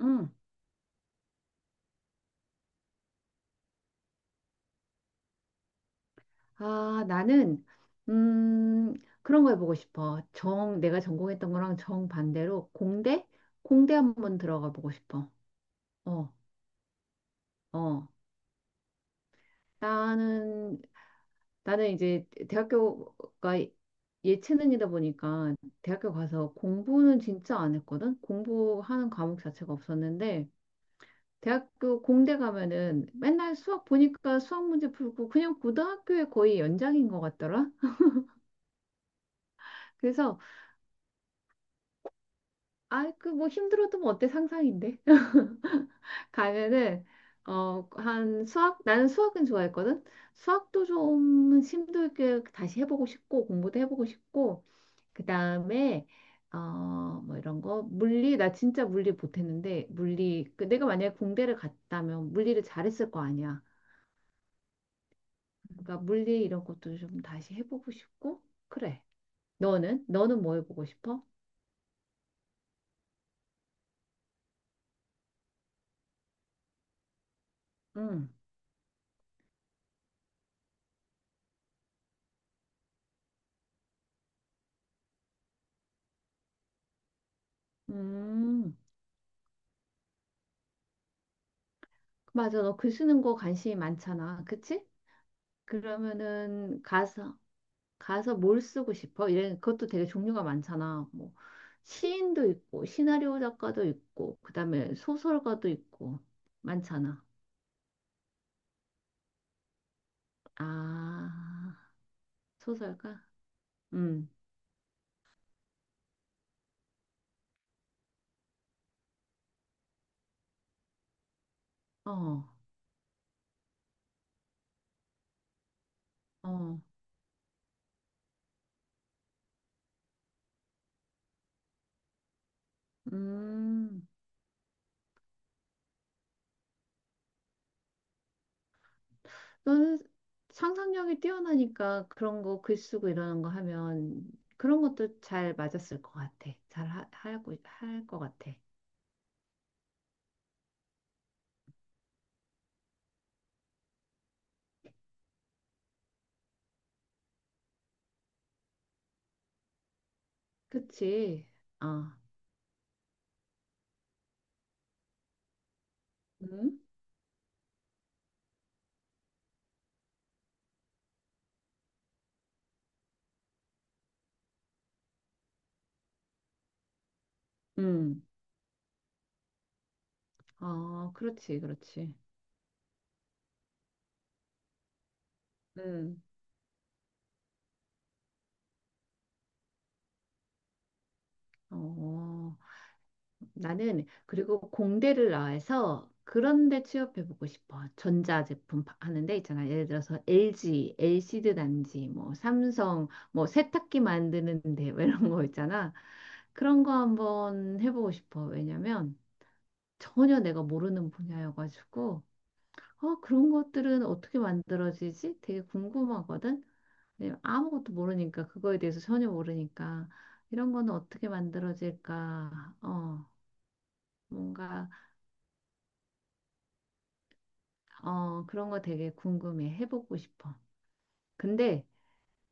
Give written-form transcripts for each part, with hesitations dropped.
응. 아, 나는, 음, 그런 거 해보고 싶어. 정, 내가 전공했던 거랑 정반대로 공대? 공대 한번 들어가 보고 싶어. 어, 어. 나는, 나는 이제 대학교가 예, 예체능이다 보니까 대학교 가서 공부는 진짜 안 했거든? 공부하는 과목 자체가 없었는데, 대학교 공대 가면은 맨날 수학 보니까 수학 문제 풀고 그냥 고등학교에 거의 연장인 것 같더라? 그래서 아, 그 뭐 힘들어도 뭐 어때 상상인데. 가면은 어, 한 수학 나는 수학은 좋아했거든. 수학도 좀 힘들게 다시 해보고 싶고 공부도 해보고 싶고 그다음에 어, 뭐 이런 거 물리 나 진짜 물리 못했는데 물리 그 내가 만약에 공대를 갔다면 물리를 잘했을 거 아니야. 그러니까 물리 이런 것도 좀 다시 해보고 싶고 그래. 너는 뭐 해보고 싶어? 응. 음. 맞아. 너 글 쓰는 거 관심이 많잖아. 그치? 그러면은 가서 가서 뭘 쓰고 싶어? 이런 그것도 되게 종류가 많잖아. 뭐 시인도 있고 시나리오 작가도 있고 그다음에 소설가도 있고 많잖아. 아, 소설가? 음. 어. 어. 음. 너는 상상력이 뛰어나니까 그런 거 글 쓰고 이러는 거 하면 그런 것도 잘 맞았을 것 같아. 잘 하, 하고 할 것 같아. 그치? 어. 음? 음. 아, 그렇지, 그렇지. 음. 어, 나는 그리고 공대를 나와서 그런 데 취업해보고 싶어. 전자제품 파- 하는 데 있잖아. 예를 들어서 LG, l 씨드 단지, 뭐 삼성, 뭐 세탁기 만드는 데뭐 이런 거 있잖아. 그런 거 한번 해보고 싶어. 왜냐면 전혀 내가 모르는 분야여가지고 어, 그런 것들은 어떻게 만들어지지? 되게 궁금하거든. 네, 아무것도 모르니까 그거에 대해서 전혀 모르니까 이런 거는 어떻게 만들어질까? 어, 뭔가 어, 그런 거 되게 궁금해. 해보고 싶어. 근데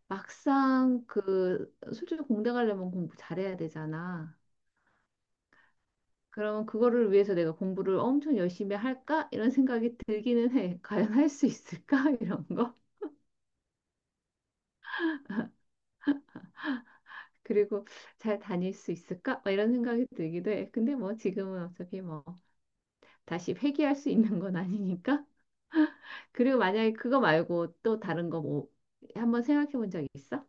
막상 그 솔직히 공대 가려면 공부 잘해야 되잖아. 그러면 그거를 위해서 내가 공부를 엄청 열심히 할까? 이런 생각이 들기는 해. 과연 할 수 있을까? 이런 거. 그리고 잘 다닐 수 있을까? 막 이런 생각이 들기도 해. 근데 뭐 지금은 어차피 뭐 다시 회귀할 수 있는 건 아니니까 그리고 만약에 그거 말고 또 다른 거 뭐 한번 생각해 본 적 있어?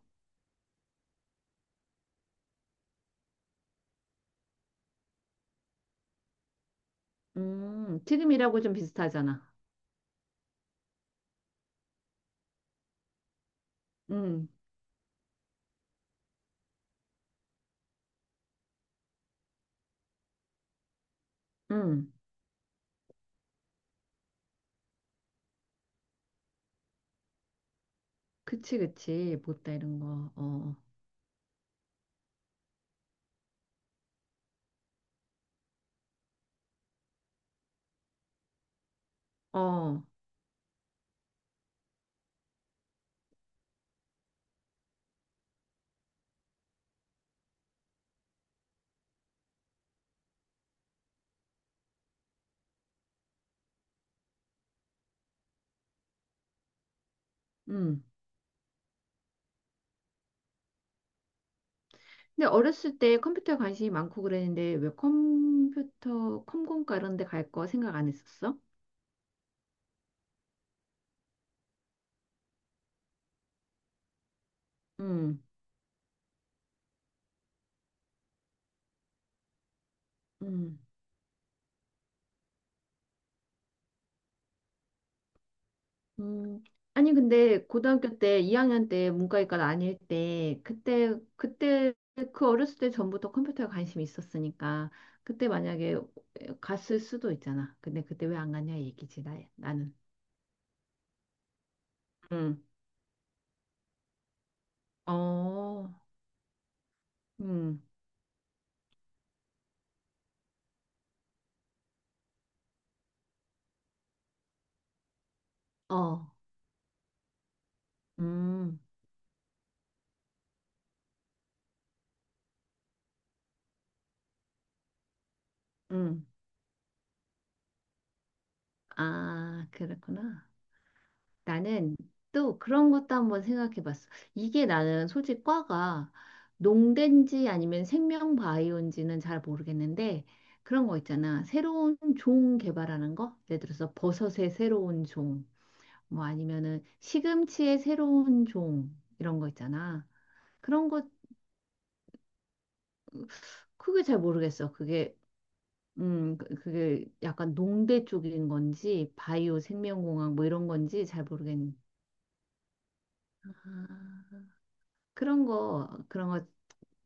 금이라고 좀 비슷하잖아. 음, 음, 그치. 못다 이런 거. 어, 어, 음. 근데 어렸을 때 컴퓨터에 관심이 많고 그랬는데 왜 컴퓨터, 컴공과 이런 데 갈 거 생각 안 했었어? 음, 음. 음, 아니, 근데 고등학교 때, 2학년 때 문과일과 아닐 때, 그때, 그 어렸을 때 전부터 컴퓨터에 관심이 있었으니까, 그때 만약에 갔을 수도 있잖아. 근데 그때 왜 안 갔냐 이 얘기지, 나는. 응, 어, 응, 어, 응, 응. 아, 그랬구나. 나는 또 그런 것도 한번 생각해 봤어. 이게 나는 솔직히 과가 농대인지 아니면 생명 바이오인지는 잘 모르겠는데 그런 거 있잖아. 새로운 종 개발하는 거? 예를 들어서 버섯의 새로운 종, 뭐 아니면은 시금치의 새로운 종 이런 거 있잖아. 그런 거 그게 잘 모르겠어. 그게 그- 그게 약간 농대 쪽인 건지 바이오 생명공학 뭐 이런 건지 잘 모르겠는. 아, 그런 거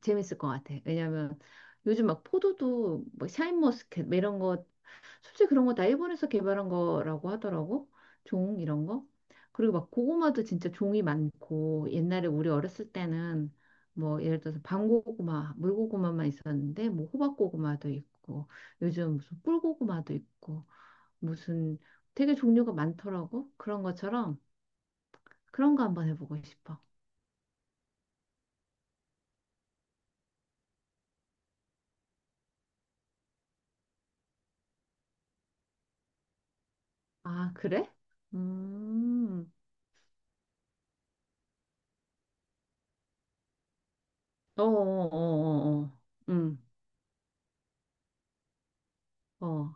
재밌을 것 같아. 왜냐면 요즘 막 포도도 뭐 샤인머스켓 뭐 이런 거 솔직히 그런 거 다 일본에서 개발한 거라고 하더라고. 종 이런 거. 그리고 막 고구마도 진짜 종이 많고 옛날에 우리 어렸을 때는 뭐 예를 들어서 밤고구마, 물고구마만 있었는데 뭐 호박고구마도 있고 요즘 무슨 꿀고구마도 있고 무슨 되게 종류가 많더라고. 그런 것처럼 그런 거 한번 해보고 싶어. 아, 그래? 음. 어, 어, 어, 어, 어. 음, 어,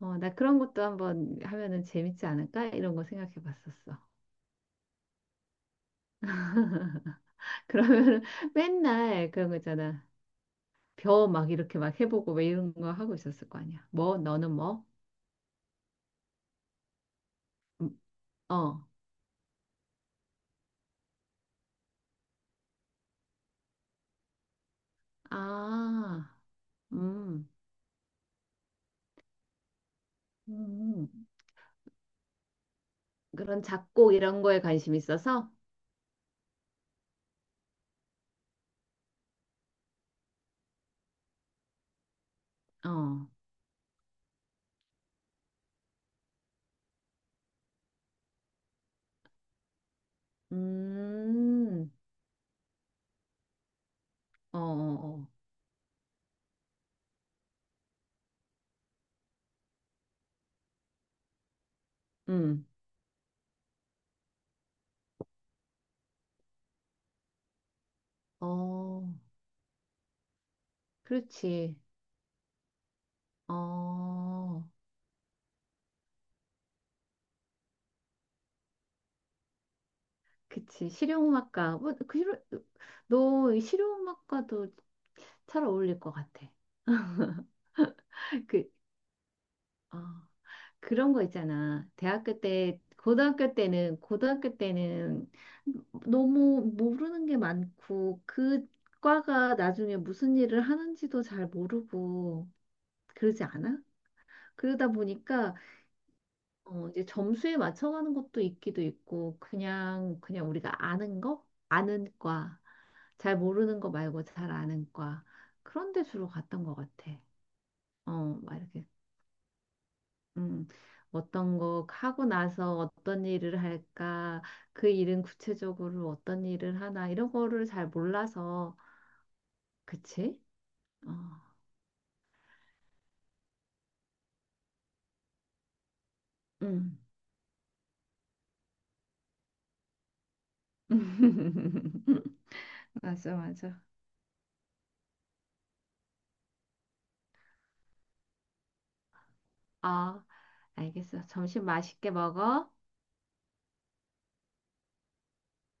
어, 나 그런 것도 한번 하면은 재밌지 않을까? 이런 거 생각해 봤었어. 그러면 맨날 그런 거 있잖아. 벼 막 이렇게 막 해보고 왜 이런 거 하고 있었을 거 아니야. 뭐, 너는 뭐? 음, 어, 아, 음, 음, 그런 작곡 이런 거에 관심 있어서? 어, 음, 어, 어, 어, 음, 어, 그렇지. 어, 그치. 실용음악과. 뭐, 그, 실용- 너이 실용음악과도 잘 어울릴 것 같아. 그, 어, 그런 거 있잖아. 대학교 때, 고등학교 때는 너무 모르는 게 많고, 그 과가 나중에 무슨 일을 하는지도 잘 모르고, 그러지 않아? 그러다 보니까, 어, 이제 점수에 맞춰가는 것도 있기도 있고, 그냥 우리가 아는 거? 아는 과. 잘 모르는 거 말고 잘 아는 과. 그런 데 주로 갔던 것 같아. 어, 막 이렇게, 음, 어떤 거 하고 나서 어떤 일을 할까, 그 일은 구체적으로 어떤 일을 하나, 이런 거를 잘 몰라서, 그치? 어, 음. 맞아. 아, 알겠어. 점심 맛있게 먹어.